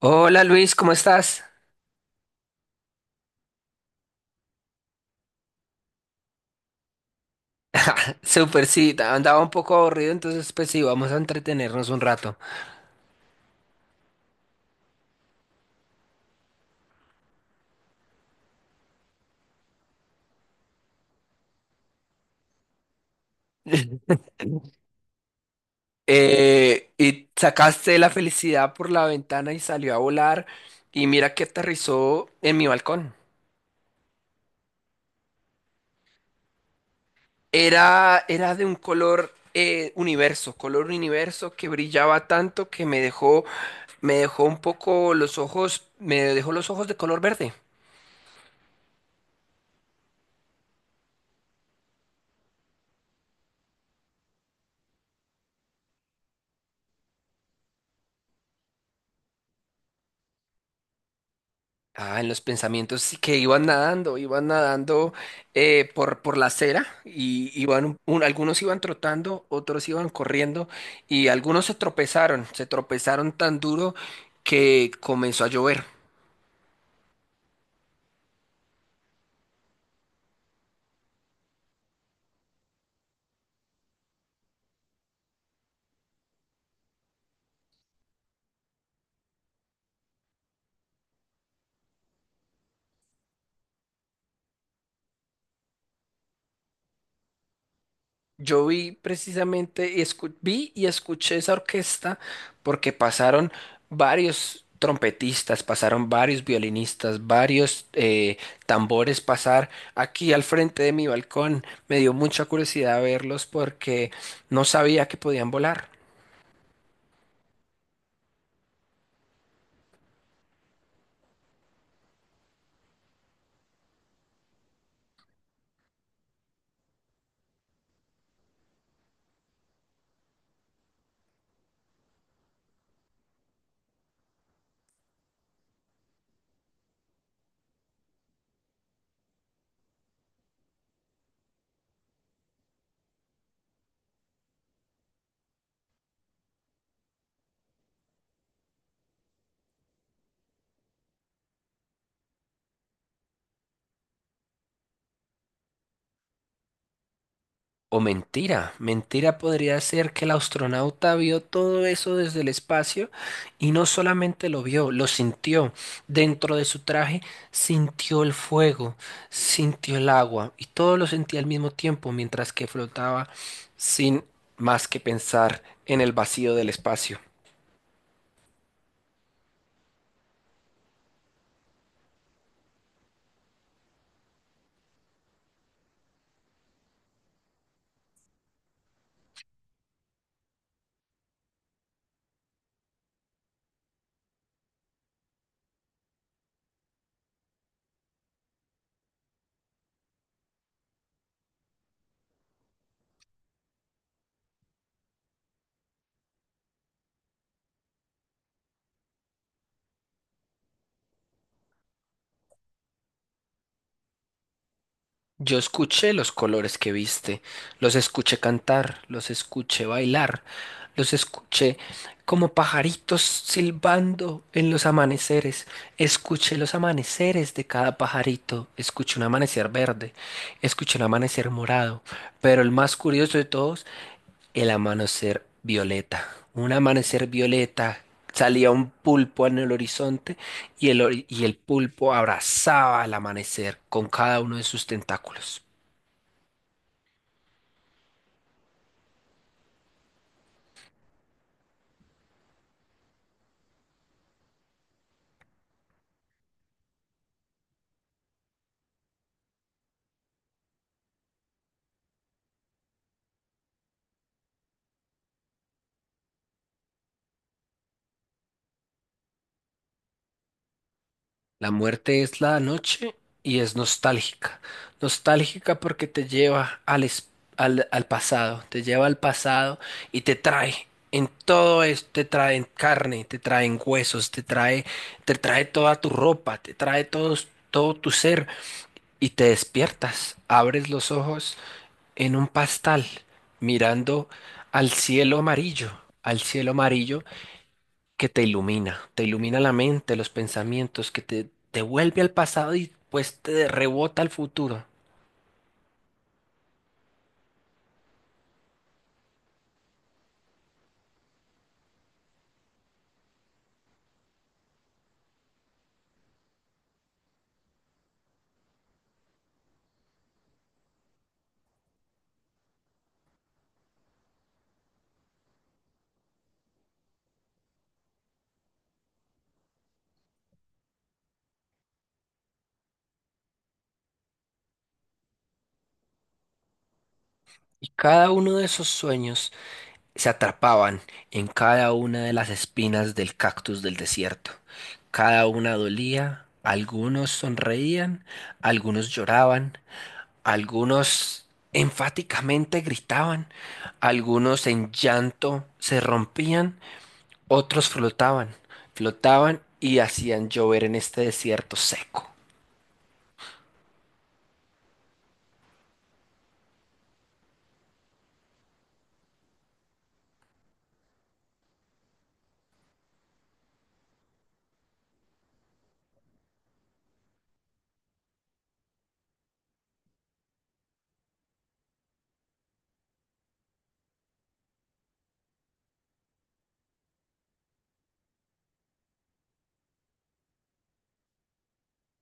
Hola Luis, ¿cómo estás? Súper, sí, andaba un poco aburrido, entonces pues sí, vamos a entretenernos un rato. Y sacaste la felicidad por la ventana y salió a volar y mira que aterrizó en mi balcón. Era de un color universo, color universo que brillaba tanto que me dejó un poco los ojos, me dejó los ojos de color verde. Ah, en los pensamientos sí que iban nadando por la acera y iban, algunos iban trotando, otros iban corriendo y algunos se tropezaron tan duro que comenzó a llover. Yo vi precisamente, vi y escuché esa orquesta porque pasaron varios trompetistas, pasaron varios violinistas, varios tambores pasar aquí al frente de mi balcón. Me dio mucha curiosidad verlos porque no sabía que podían volar. O mentira, mentira podría ser que el astronauta vio todo eso desde el espacio y no solamente lo vio, lo sintió. Dentro de su traje sintió el fuego, sintió el agua y todo lo sentía al mismo tiempo mientras que flotaba sin más que pensar en el vacío del espacio. Yo escuché los colores que viste, los escuché cantar, los escuché bailar, los escuché como pajaritos silbando en los amaneceres. Escuché los amaneceres de cada pajarito, escuché un amanecer verde, escuché un amanecer morado, pero el más curioso de todos el amanecer violeta. Un amanecer violeta. Salía un pulpo en el horizonte y y el pulpo abrazaba al amanecer con cada uno de sus tentáculos. La muerte es la noche y es nostálgica. Nostálgica porque te lleva al pasado, te lleva al pasado y te trae. En todo esto te trae en carne, te trae en huesos, te trae toda tu ropa, te trae todo tu ser y te despiertas, abres los ojos en un pastal, mirando al cielo amarillo, al cielo amarillo que te ilumina la mente, los pensamientos, que te vuelve al pasado y pues te rebota al futuro. Y cada uno de esos sueños se atrapaban en cada una de las espinas del cactus del desierto. Cada una dolía, algunos sonreían, algunos lloraban, algunos enfáticamente gritaban, algunos en llanto se rompían, otros flotaban, flotaban y hacían llover en este desierto seco.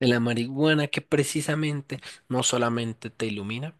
De la marihuana que precisamente no solamente te ilumina,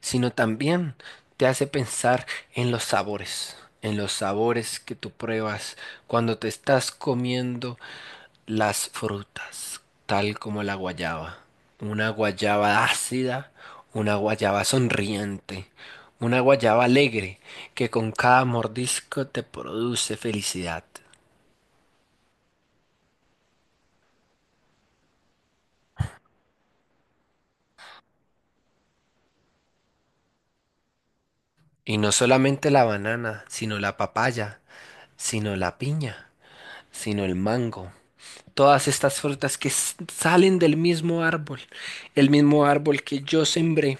sino también te hace pensar en los sabores que tú pruebas cuando te estás comiendo las frutas, tal como la guayaba. Una guayaba ácida, una guayaba sonriente, una guayaba alegre que con cada mordisco te produce felicidad. Y no solamente la banana, sino la papaya, sino la piña, sino el mango. Todas estas frutas que salen del mismo árbol, el mismo árbol que yo sembré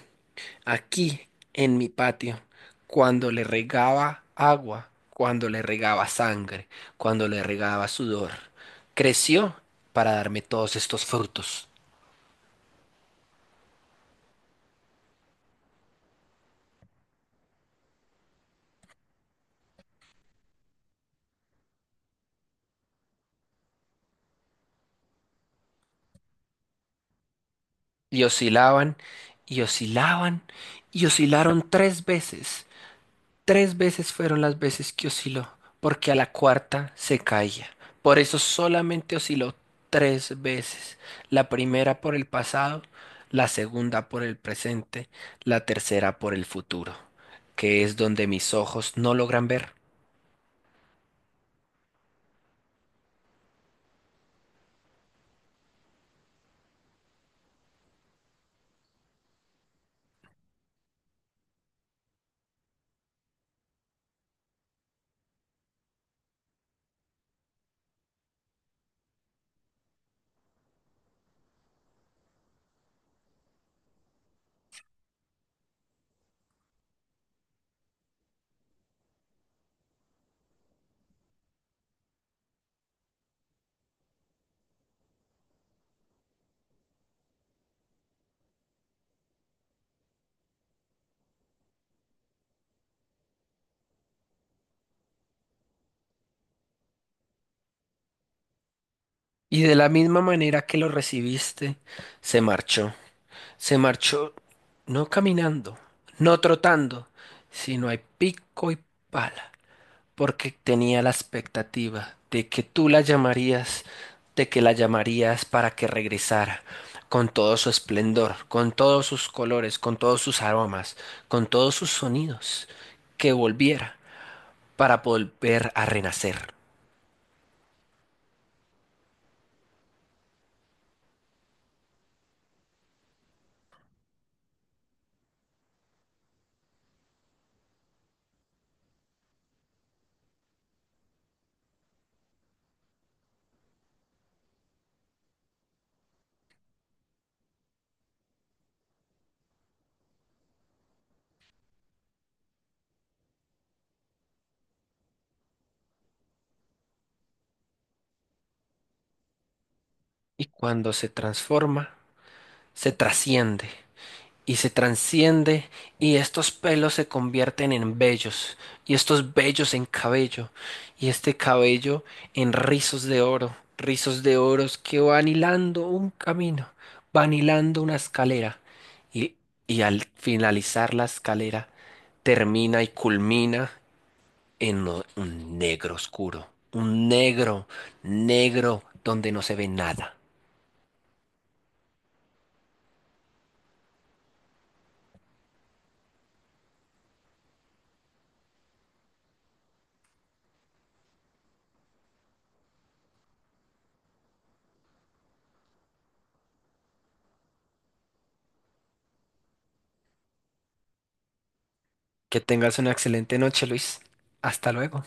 aquí en mi patio, cuando le regaba agua, cuando le regaba sangre, cuando le regaba sudor, creció para darme todos estos frutos. Y oscilaban, y oscilaban, y oscilaron 3 veces. Tres veces fueron las veces que osciló, porque a la cuarta se caía. Por eso solamente osciló 3 veces. La primera por el pasado, la segunda por el presente, la tercera por el futuro, que es donde mis ojos no logran ver. Y de la misma manera que lo recibiste, se marchó. Se marchó no caminando, no trotando, sino a pico y pala, porque tenía la expectativa de que tú la llamarías, de que la llamarías para que regresara, con todo su esplendor, con todos sus colores, con todos sus aromas, con todos sus sonidos, que volviera para volver a renacer. Y cuando se transforma, se trasciende, y se transciende y estos pelos se convierten en vellos y estos vellos en cabello y este cabello en rizos de oro, rizos de oros que van hilando un camino, van hilando una escalera y, y al finalizar la escalera termina y culmina un negro oscuro, un negro, negro donde no se ve nada. Que tengas una excelente noche, Luis. Hasta luego.